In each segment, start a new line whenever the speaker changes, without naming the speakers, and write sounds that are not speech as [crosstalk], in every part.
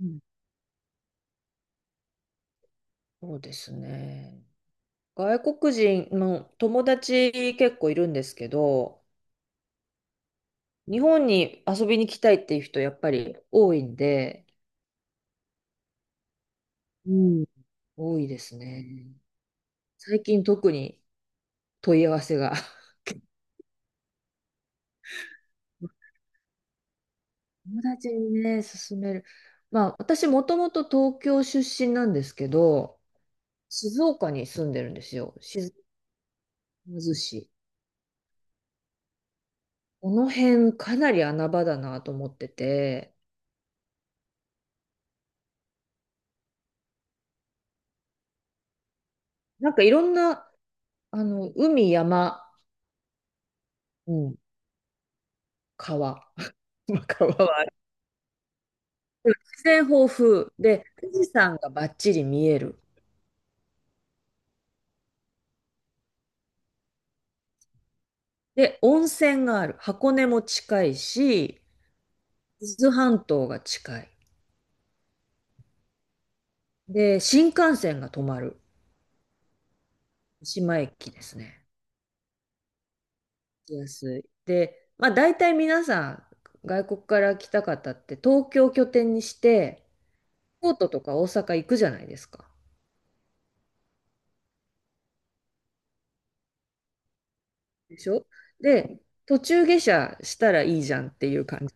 うん、そうですね。外国人の友達結構いるんですけど、日本に遊びに来たいっていう人やっぱり多いんで、うん。多いですね。最近特に問い合わせが。[laughs] 友達にね、勧める。まあ、私もともと東京出身なんですけど、静岡に住んでるんですよ。静岡市。この辺かなり穴場だなと思ってて、なんかいろんな、海、山、うん、川。[laughs] まあ川はある。自然豊富で、富士山がバッチリ見える。で、温泉がある。箱根も近いし、伊豆半島が近い。で、新幹線が止まる。三島駅ですね。行きやすい。で、まあ大体皆さん、外国から来た方って東京拠点にして、京都とか大阪行くじゃないですか。でしょ。で、途中下車したらいいじゃんっていう感。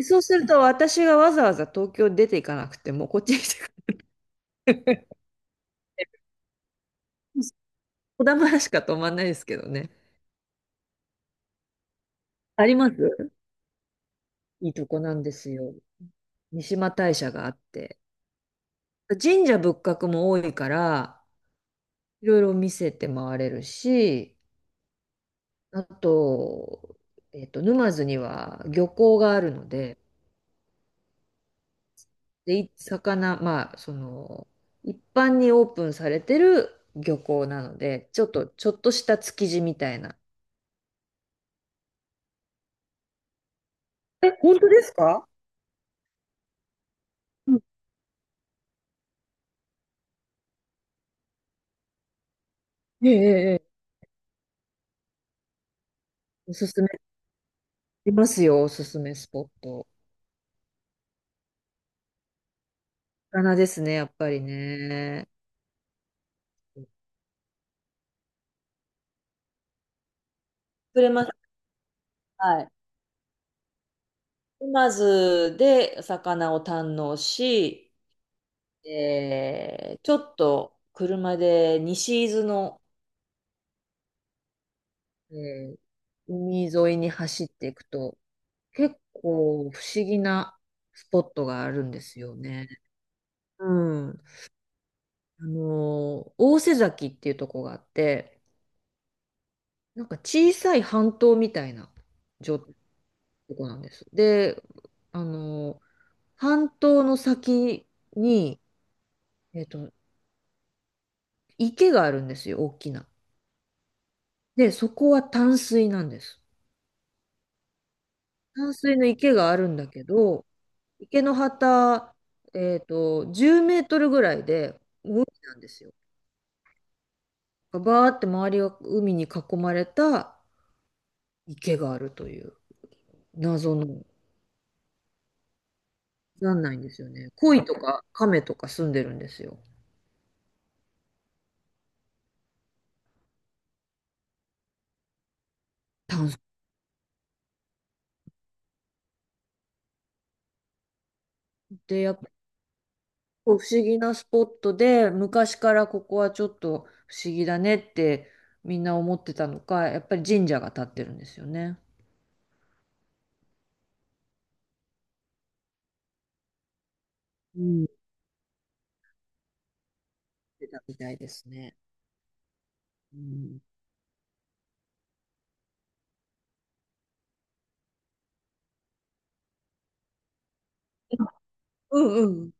そうすると私がわざわざ東京に出ていかなくてもこっちに来てくれる。[laughs] 小玉しか泊まんないですけどね。あります。いいとこなんですよ。三嶋大社があって。神社仏閣も多いから、いろいろ見せて回れるし、あと、沼津には漁港があるので、で、まあ、その、一般にオープンされてる漁港なので、ちょっとした築地みたいな。え、本当ですか？うん、ええ、ええ、ええ。おすすめ。いますよ、おすすめスポット。魚ですね、やっぱりね。釣れます。はい。沼津で魚を堪能し、ちょっと車で西伊豆の、えー海沿いに走っていくと、結構不思議なスポットがあるんですよね。うん。大瀬崎っていうとこがあって、なんか小さい半島みたいな状態、そこなんです。で、あの、半島の先に、えっと、池があるんですよ、大きな。で、そこは淡水なんです。淡水の池があるんだけど、池の端、10メートルぐらいで海なんですよ。バーって周りが海に囲まれた池があるという謎の、なんないんですよね。鯉とか亀とか住んでるんですよ。淡水ってやっ、こう不思議なスポットで、昔からここはちょっと不思議だねってみんな思ってたのか、やっぱり神社が建ってるんですよね。うん、出たみたいですね。うん。うんうん。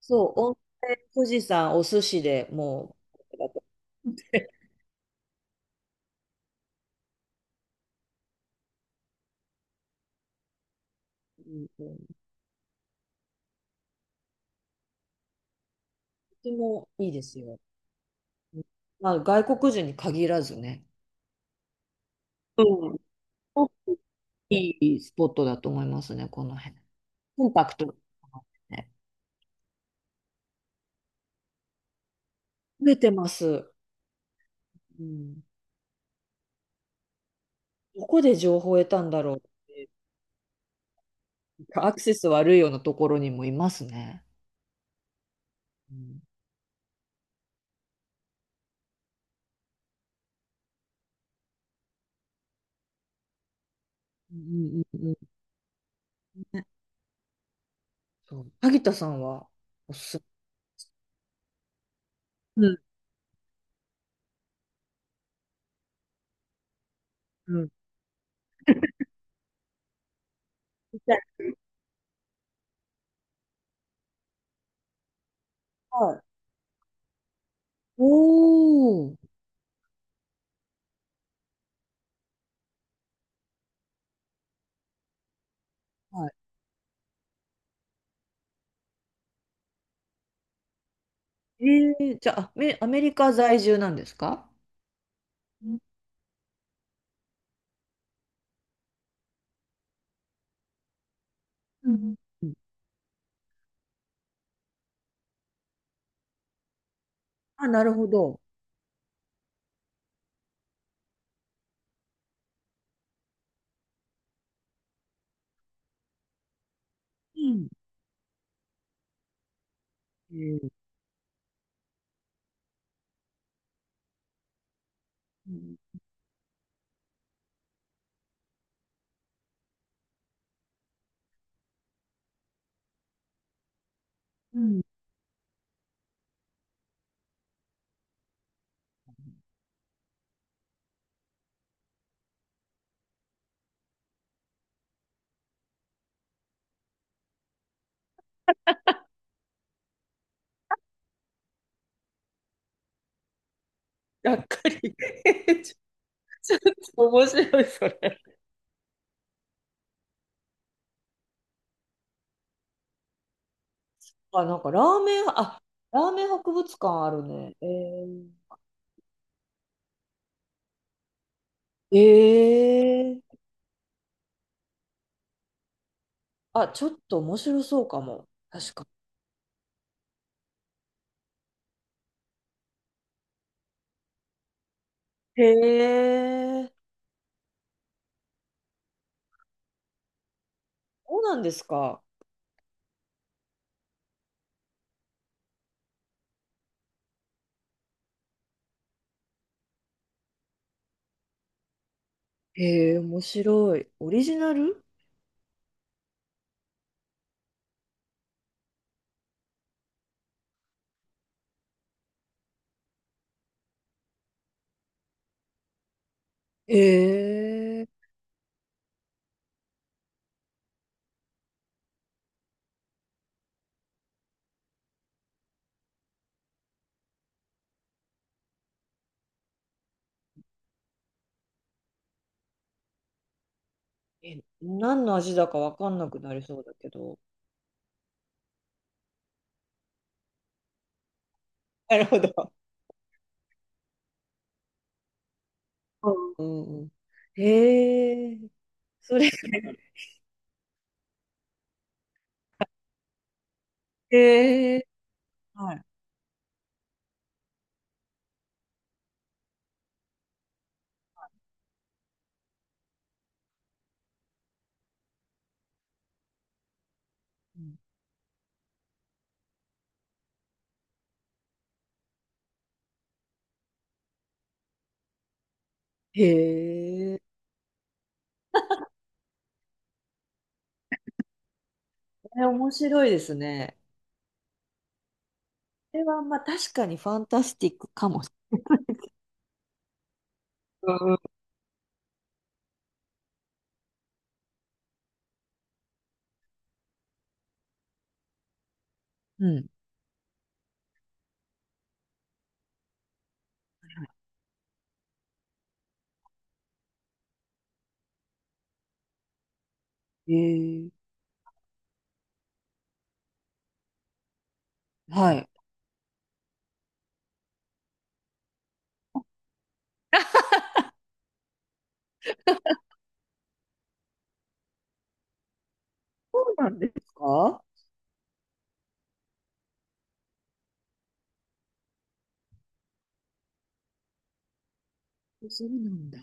そう、温泉、富士山、お寿司でもう、だと、うんうん、とてもいいですよ。うん。まあ、外国人に限らずね。うん。いいスポットだと思いますね、この辺。コンパクト。ね。増えてます。うん。どこで情報を得たんだろう。アクセス悪いようなところにもいますね。うん。うんうんうん。うん。そう。萩田さんはおすすめ。うんうん。みたい。はい。おー。はい。えー、じゃあ、アメ、アメリカ在住なんですか？うんうんうん。あ、なるほど。うんうんうんうん。がっかり。 [laughs] ちょっと面白い、それ。あ、なんかラーメン、あ、ラーメン博物館あるね。えー、え、あ、ちょっと面白そうかも。確か。へえ。そうなんですか。へえ、面白い。オリジナル。へえ。え、何の味だかわかんなくなりそうだけど。[laughs] なるほど。うんうんうん。へえ。それ、[laughs] へえ。はい。うん。へえ。これ面白いですね。これは、まあ、確かにファンタスティックかもし。うんうんうん。へえ。はい。そうなんですか？そうなんだ。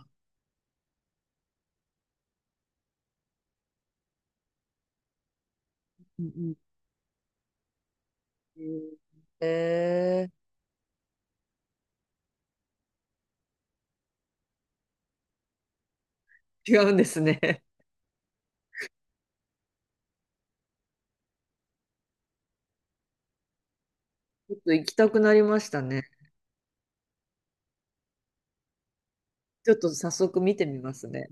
うんうん。えー、違うんですね。[laughs] ちょっと行きたくなりましたね。ちょっと早速見てみますね。